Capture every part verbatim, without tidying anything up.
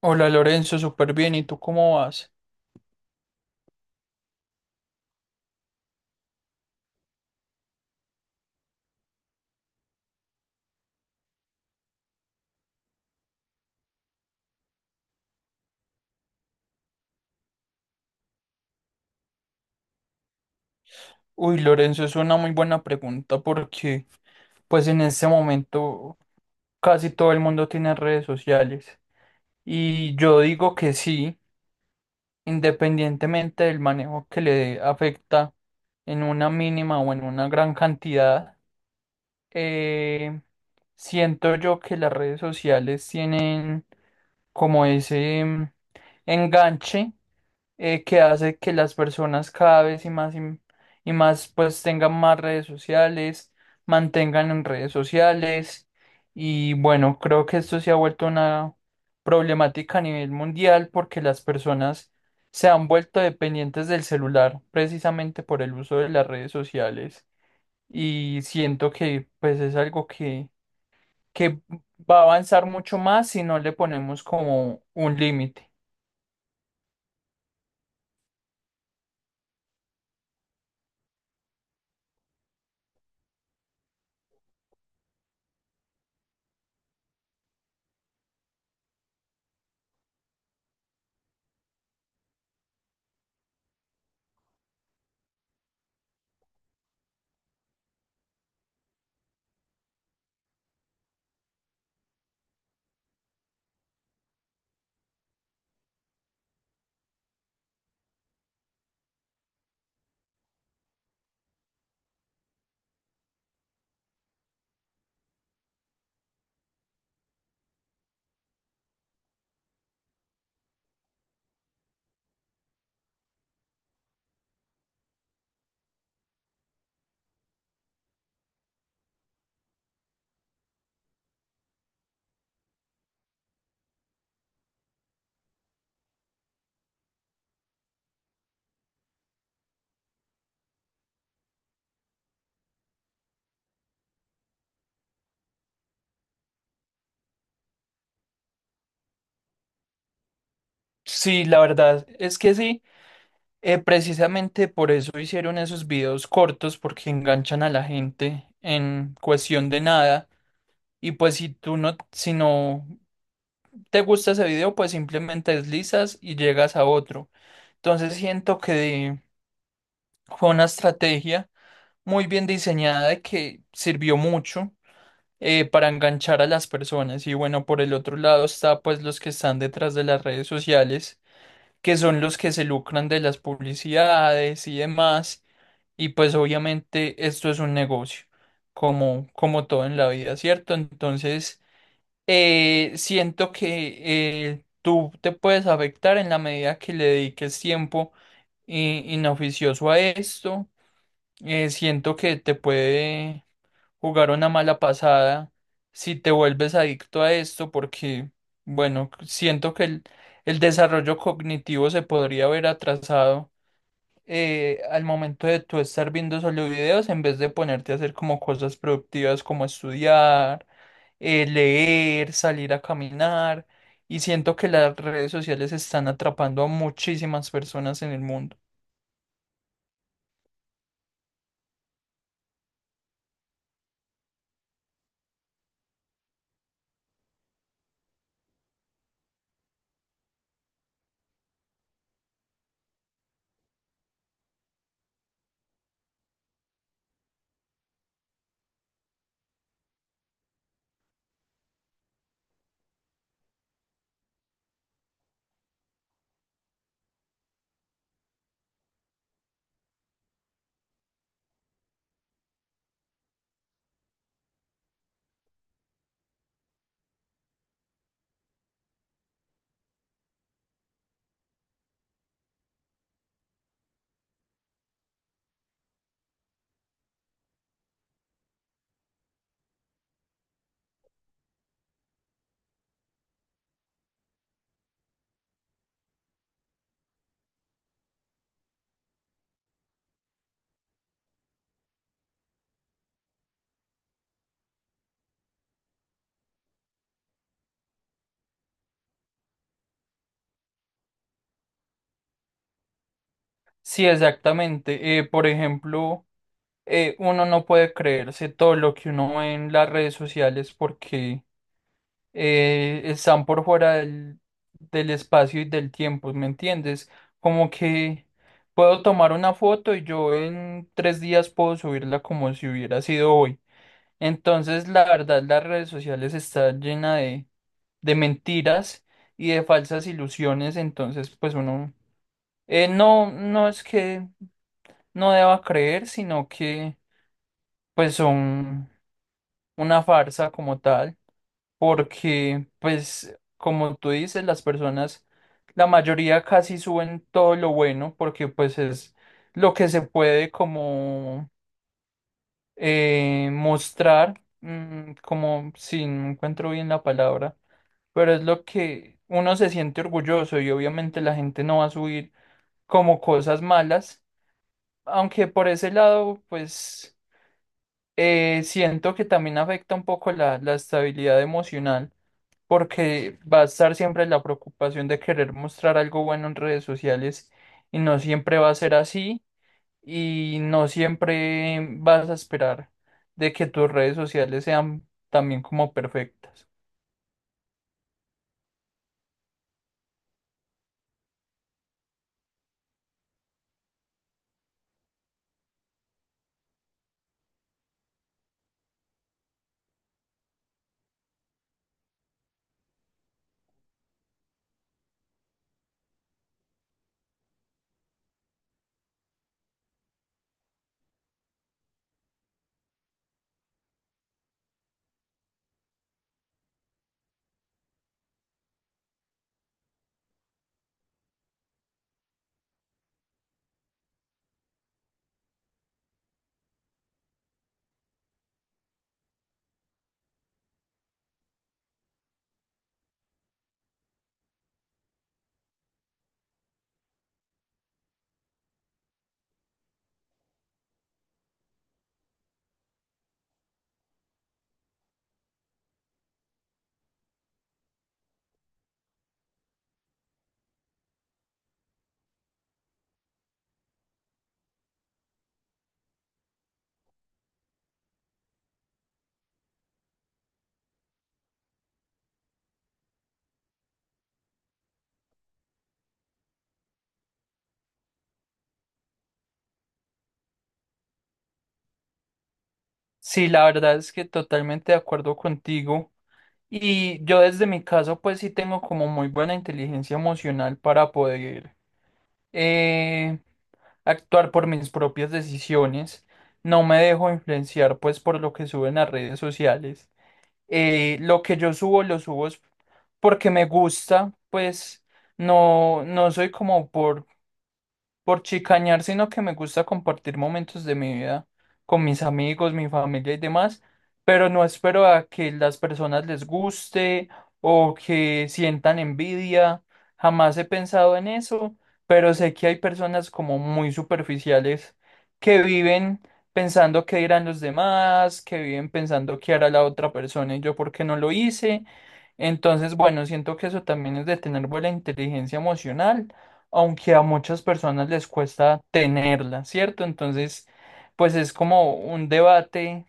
Hola Lorenzo, súper bien. ¿Y tú cómo vas? Uy, Lorenzo, es una muy buena pregunta porque pues en este momento casi todo el mundo tiene redes sociales. Y yo digo que sí, independientemente del manejo que le dé, afecta en una mínima o en una gran cantidad. eh, Siento yo que las redes sociales tienen como ese mm, enganche eh, que hace que las personas cada vez y más y, y más pues tengan más redes sociales, mantengan en redes sociales. Y bueno, creo que esto se ha vuelto una problemática a nivel mundial porque las personas se han vuelto dependientes del celular precisamente por el uso de las redes sociales, y siento que pues es algo que, que va a avanzar mucho más si no le ponemos como un límite. Sí, la verdad es que sí. Eh, precisamente por eso hicieron esos videos cortos porque enganchan a la gente en cuestión de nada, y pues si tú no, si no te gusta ese video pues simplemente deslizas y llegas a otro. Entonces siento que de- fue una estrategia muy bien diseñada y que sirvió mucho eh, para enganchar a las personas. Y bueno, por el otro lado está pues los que están detrás de las redes sociales, que son los que se lucran de las publicidades y demás. Y pues obviamente esto es un negocio, como, como todo en la vida, ¿cierto? Entonces, eh, siento que eh, tú te puedes afectar en la medida que le dediques tiempo i- inoficioso a esto. Eh, siento que te puede jugar una mala pasada si te vuelves adicto a esto, porque, bueno, siento que el, el desarrollo cognitivo se podría ver atrasado eh, al momento de tú estar viendo solo videos, en vez de ponerte a hacer como cosas productivas como estudiar, eh, leer, salir a caminar. Y siento que las redes sociales están atrapando a muchísimas personas en el mundo. Sí, exactamente. Eh, por ejemplo, eh, uno no puede creerse todo lo que uno ve en las redes sociales porque eh, están por fuera del, del espacio y del tiempo, ¿me entiendes? Como que puedo tomar una foto y yo en tres días puedo subirla como si hubiera sido hoy. Entonces, la verdad, las redes sociales están llenas de, de mentiras y de falsas ilusiones. Entonces, pues uno eh, no, no es que no deba creer, sino que pues son una farsa como tal, porque, pues, como tú dices, las personas, la mayoría casi suben todo lo bueno, porque pues es lo que se puede como eh, mostrar, mm, como si no encuentro bien la palabra, pero es lo que uno se siente orgulloso, y obviamente la gente no va a subir como cosas malas, aunque por ese lado, pues, eh, siento que también afecta un poco la la estabilidad emocional, porque va a estar siempre la preocupación de querer mostrar algo bueno en redes sociales, y no siempre va a ser así, y no siempre vas a esperar de que tus redes sociales sean también como perfectas. Sí, la verdad es que totalmente de acuerdo contigo, y yo desde mi caso pues sí tengo como muy buena inteligencia emocional para poder eh, actuar por mis propias decisiones. No me dejo influenciar pues por lo que suben las redes sociales. Eh, lo que yo subo, lo subo es porque me gusta. Pues no, no soy como por chicañar, sino que me gusta compartir momentos de mi vida con mis amigos, mi familia y demás, pero no espero a que las personas les guste o que sientan envidia. Jamás he pensado en eso, pero sé que hay personas como muy superficiales que viven pensando qué dirán los demás, que viven pensando qué hará la otra persona y yo por qué no lo hice. Entonces, bueno, siento que eso también es de tener buena inteligencia emocional, aunque a muchas personas les cuesta tenerla, ¿cierto? Entonces, pues es como un debate,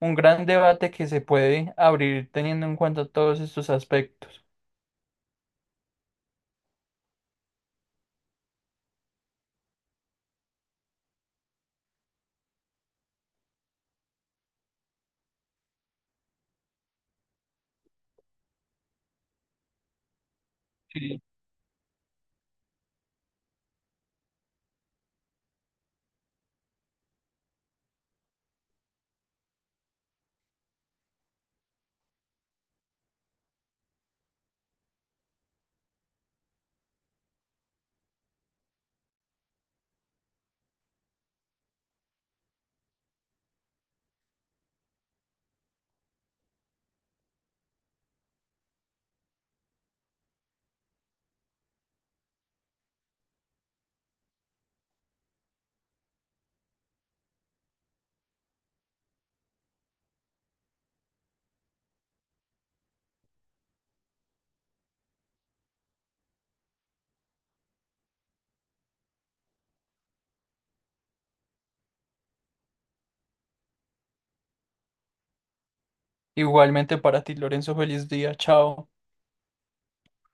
un gran debate que se puede abrir teniendo en cuenta todos estos aspectos. Igualmente para ti, Lorenzo, feliz día, chao.